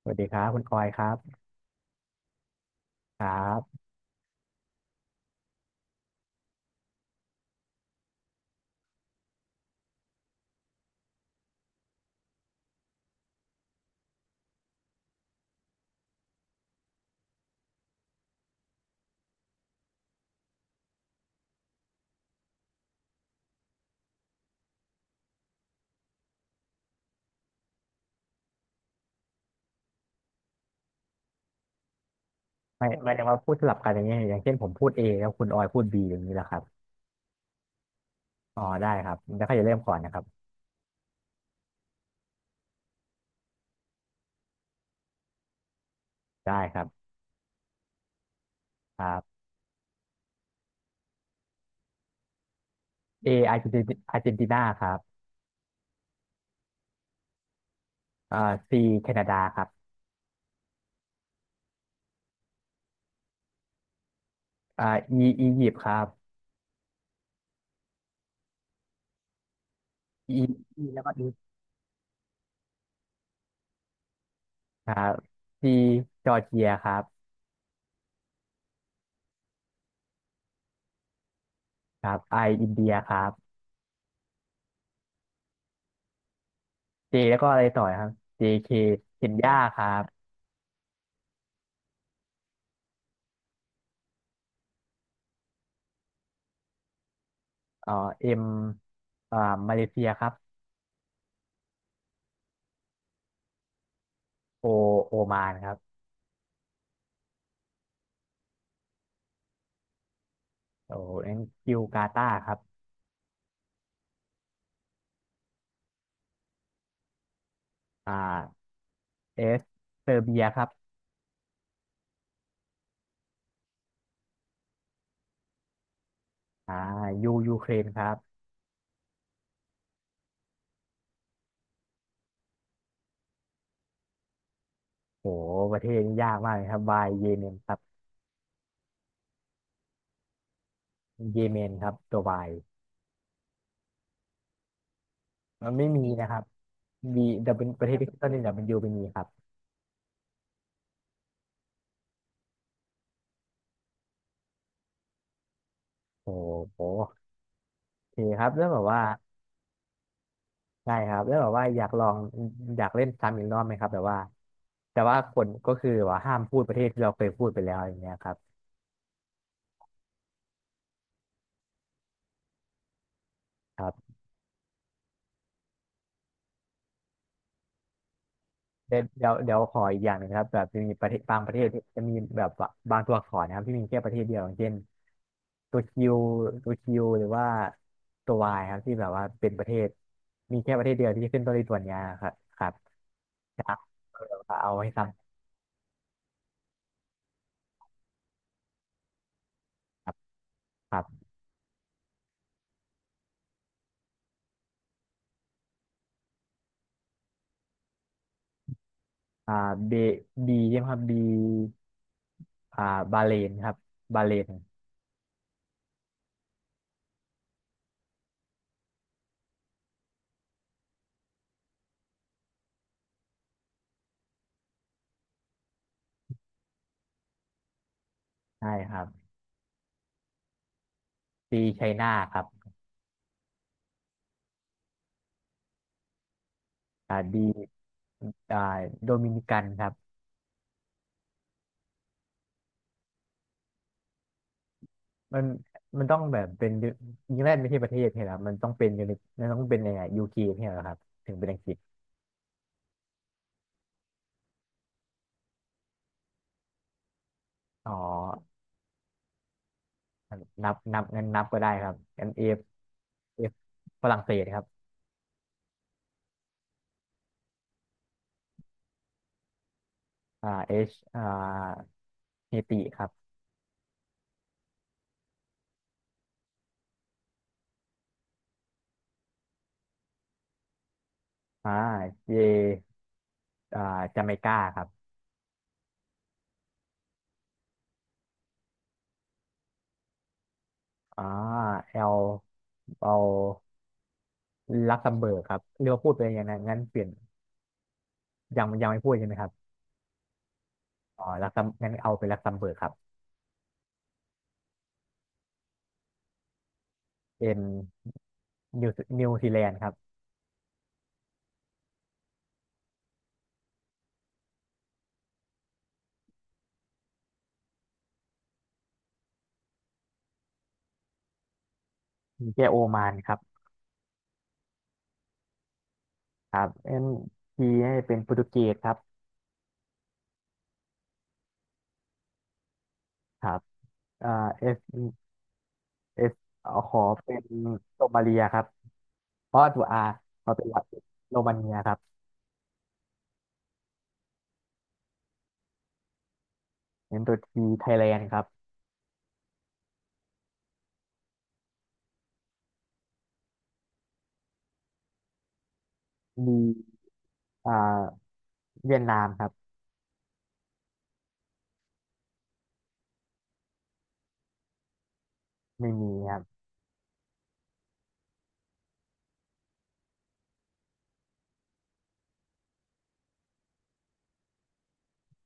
สวัสดีครับคุณออยครับครับไม่ไม่ได้ว่าพูดสลับกันอย่างเงี้ยอย่างเช่นผมพูด A แล้วคุณออยพูด B อย่างนี้แหละครับอ๋อได้ครับแล้วก็อย่าเริ่มก่อนนะครับได้ครับครับ A อาร์เจนตินาครับอ่า C แคนาดาครับอ่า E อียิปต์ครับ E E แล้วก็ E ครับ C จอร์เจียครับครับ I อินเดียครับ J แล้วก็อะไรต่อครับ JK เคเคนยาครับเอ่อ M อ่ามาเลเซียครับ O โอมานครับโอ้แองกิวกาตาครับ อ่าเอสเซอร์เบียครับอ่ายูยูเครนครับโหประเทศนี้ยากมากเลยครับวายเยเมนครับเยเมนครับตัววายมันไม่มีนะครับบีดับเป็นประเทศที่ขึ้นต้นด้วยดับเป็นยูเป็นมีครับโอ้โหโอเคครับแล้วแบบว่าได้ครับแล้วแบบว่าอยากลองอยากเล่นซ้ำอีกรอบไหมครับแบบว่าแต่ว่าคนก็คือว่าห้ามพูดประเทศที่เราเคยพูดไปแล้วอย่างเงี้ยครับ เดี๋ยวขออีกอย่างหนึ่งนะครับแบบจะมีประเทศบางประเทศที่จะมีแบบว่าบางตัวอักษรนะครับที่มีแค่ประเทศเดียวอย่างเช่นตัวคิวตัวคิวหรือว่าตัววายครับที่แบบว่าเป็นประเทศมีแค่ประเทศเดียวที่ขึ้นต้นด้วยตัวเนี้ยครับครับครับเอาให้ซ้ำครับอ่าเบบีใช่ไหมครับบีอ่าบาเลนครับบาเลนใช่ครับซีไชน่าครับดีอ่าโดมินิกันครับ มันมันต้องแบบเป็นอิงแลนด์ไม่ใช่ประเทศใช่ไหมครับมันต้องเป็นยูนิมันต้องเป็นยังไงยูเคใช่ไหมครับถึงเป็นอังกฤษอ๋อ นับงั้นนับก็ได้ครับงั้นเอฟเอฟฝรั่งเศสครับเอชเฮติครับอ่าเจอ่าจาเมกาครับอ่าเอลเอาลักเซมเบิร์กครับเรียกว่าพูดไปอย่างนั้นงั้นเปลี่ยนยังไม่พูดใช่ไหมครับอ๋อลักเซมงั้นเอาเป็นลักเซมเบิร์กครับเอ็นนิวนิวซีแลนด์ครับมีแค่โอมานครับ ครับ M ีให้เป็นโปรตุเกสครับครับอ่า S S เอขอเป็นโรมาเลียครับเพราะตัว R ขอเป็นโรมาเนียครับเน้นตัว T ไทยแลนด์ครับ D อ่าเวียดนามครับไม่มีครับ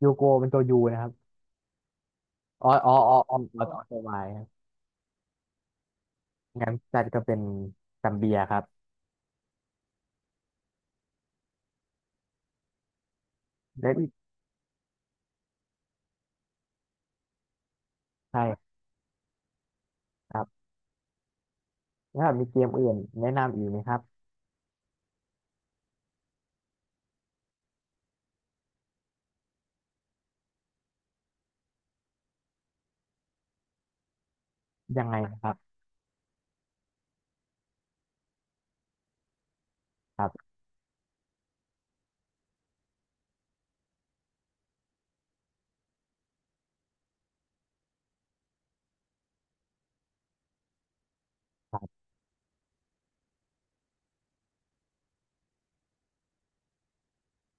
ยูโกเป็นตัว U นะครับอ๋อตัว Y ครับงั้นจัดก็เป็นซัมเบียครับและอีกใช่ครับถ้ามีเกมอื่นแนะนำอีกไหมครับยังไงนะครับครับครับ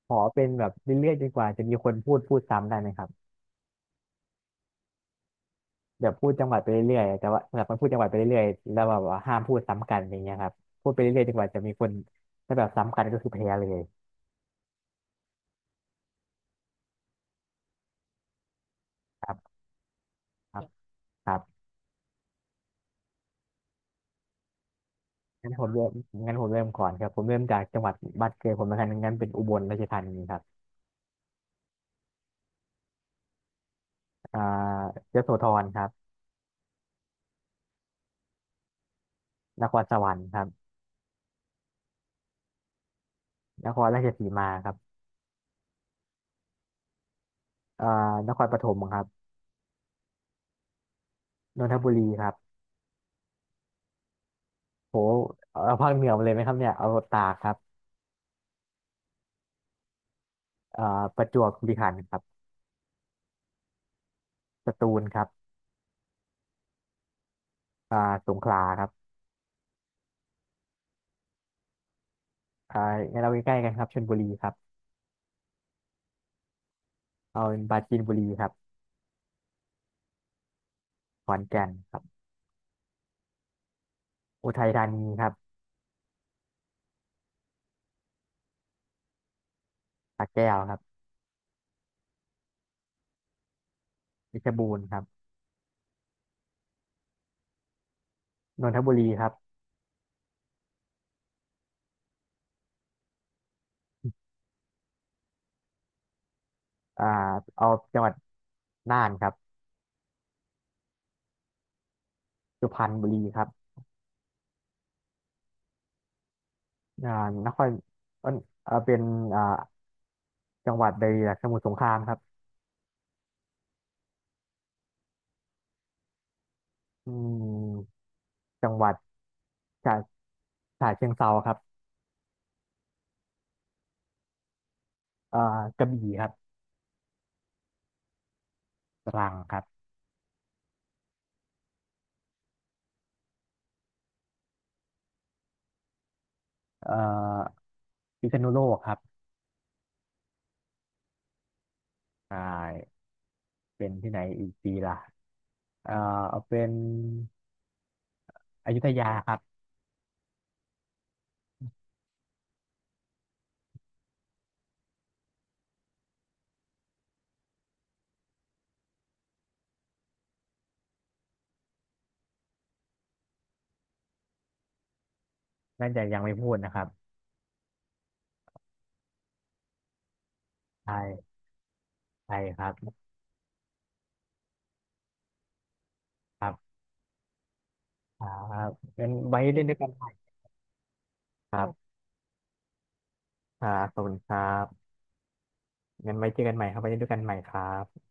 ขอเป็นแบบเรื่อยๆจนกว่าจะมีคนพูดซ้ำได้ไหมครับ แบบพูดจังหวัดไปเรื่อยๆแต่ว่าแบบมันพูดจังหวัดไปเรื่อยๆแล้วแบบว่าห้ามพูดซ้ำกันอย่างเงี้ยครับพูดไปเรื่อยๆจนกว่าจะมีคนถ้าแบบซ้ำกันก็คือแพ้เลยครับครับครับงั้นผมเริ่มงั้นผมเริ่มก่อนครับผมเริ่มจากจังหวัดบ้านเกิดผมลกันงั้นเป็นอุบลราชธานีครับอ่ายโสธรครับนครสวรรค์ครับนครราชสีมาครับอ่านครปฐมครับนนทบุรีครับโหเอาภาคเหนือมาเลยไหมครับเนี่ยเอาตากครับอ่าประจวบคีรีขันธ์ครับสตูลครับอ่าสงขลาครับ อ่างั้นเราใกล้ๆกันครับชลบุรีครับเอาเป็นปราจีนบุรีครับขอนแก่นครับอุทัยธานีครับสระแก้วครับเพชรบูรณ์ครับนนทบุรีครับอ่าเอาจังหวัดน่านครับสุพรรณบุรีครับอ่านครเอ่อเป็นอ่าจังหวัดใดล่ะสมุทรสงครามครับอืมจังหวัดฉะฉะเชิงเทราครับเอ่อกระบี่ครับตรังครับเอ่อพิษณุโลกครับอ่าเป็นที่ไหนอีกดีล่ะ เอ่อเอาเป็นอยุธยาครับน่าจะยังไม่พูดนะครับใช่ใช่ครับครับครับงั้นไว้เล่นด้วยกันใหม่ครับอ่าขอบคุณครับงั้นไว้เจอกันใหม่ครับไว้เล่นด้วยกันใหม่ครับ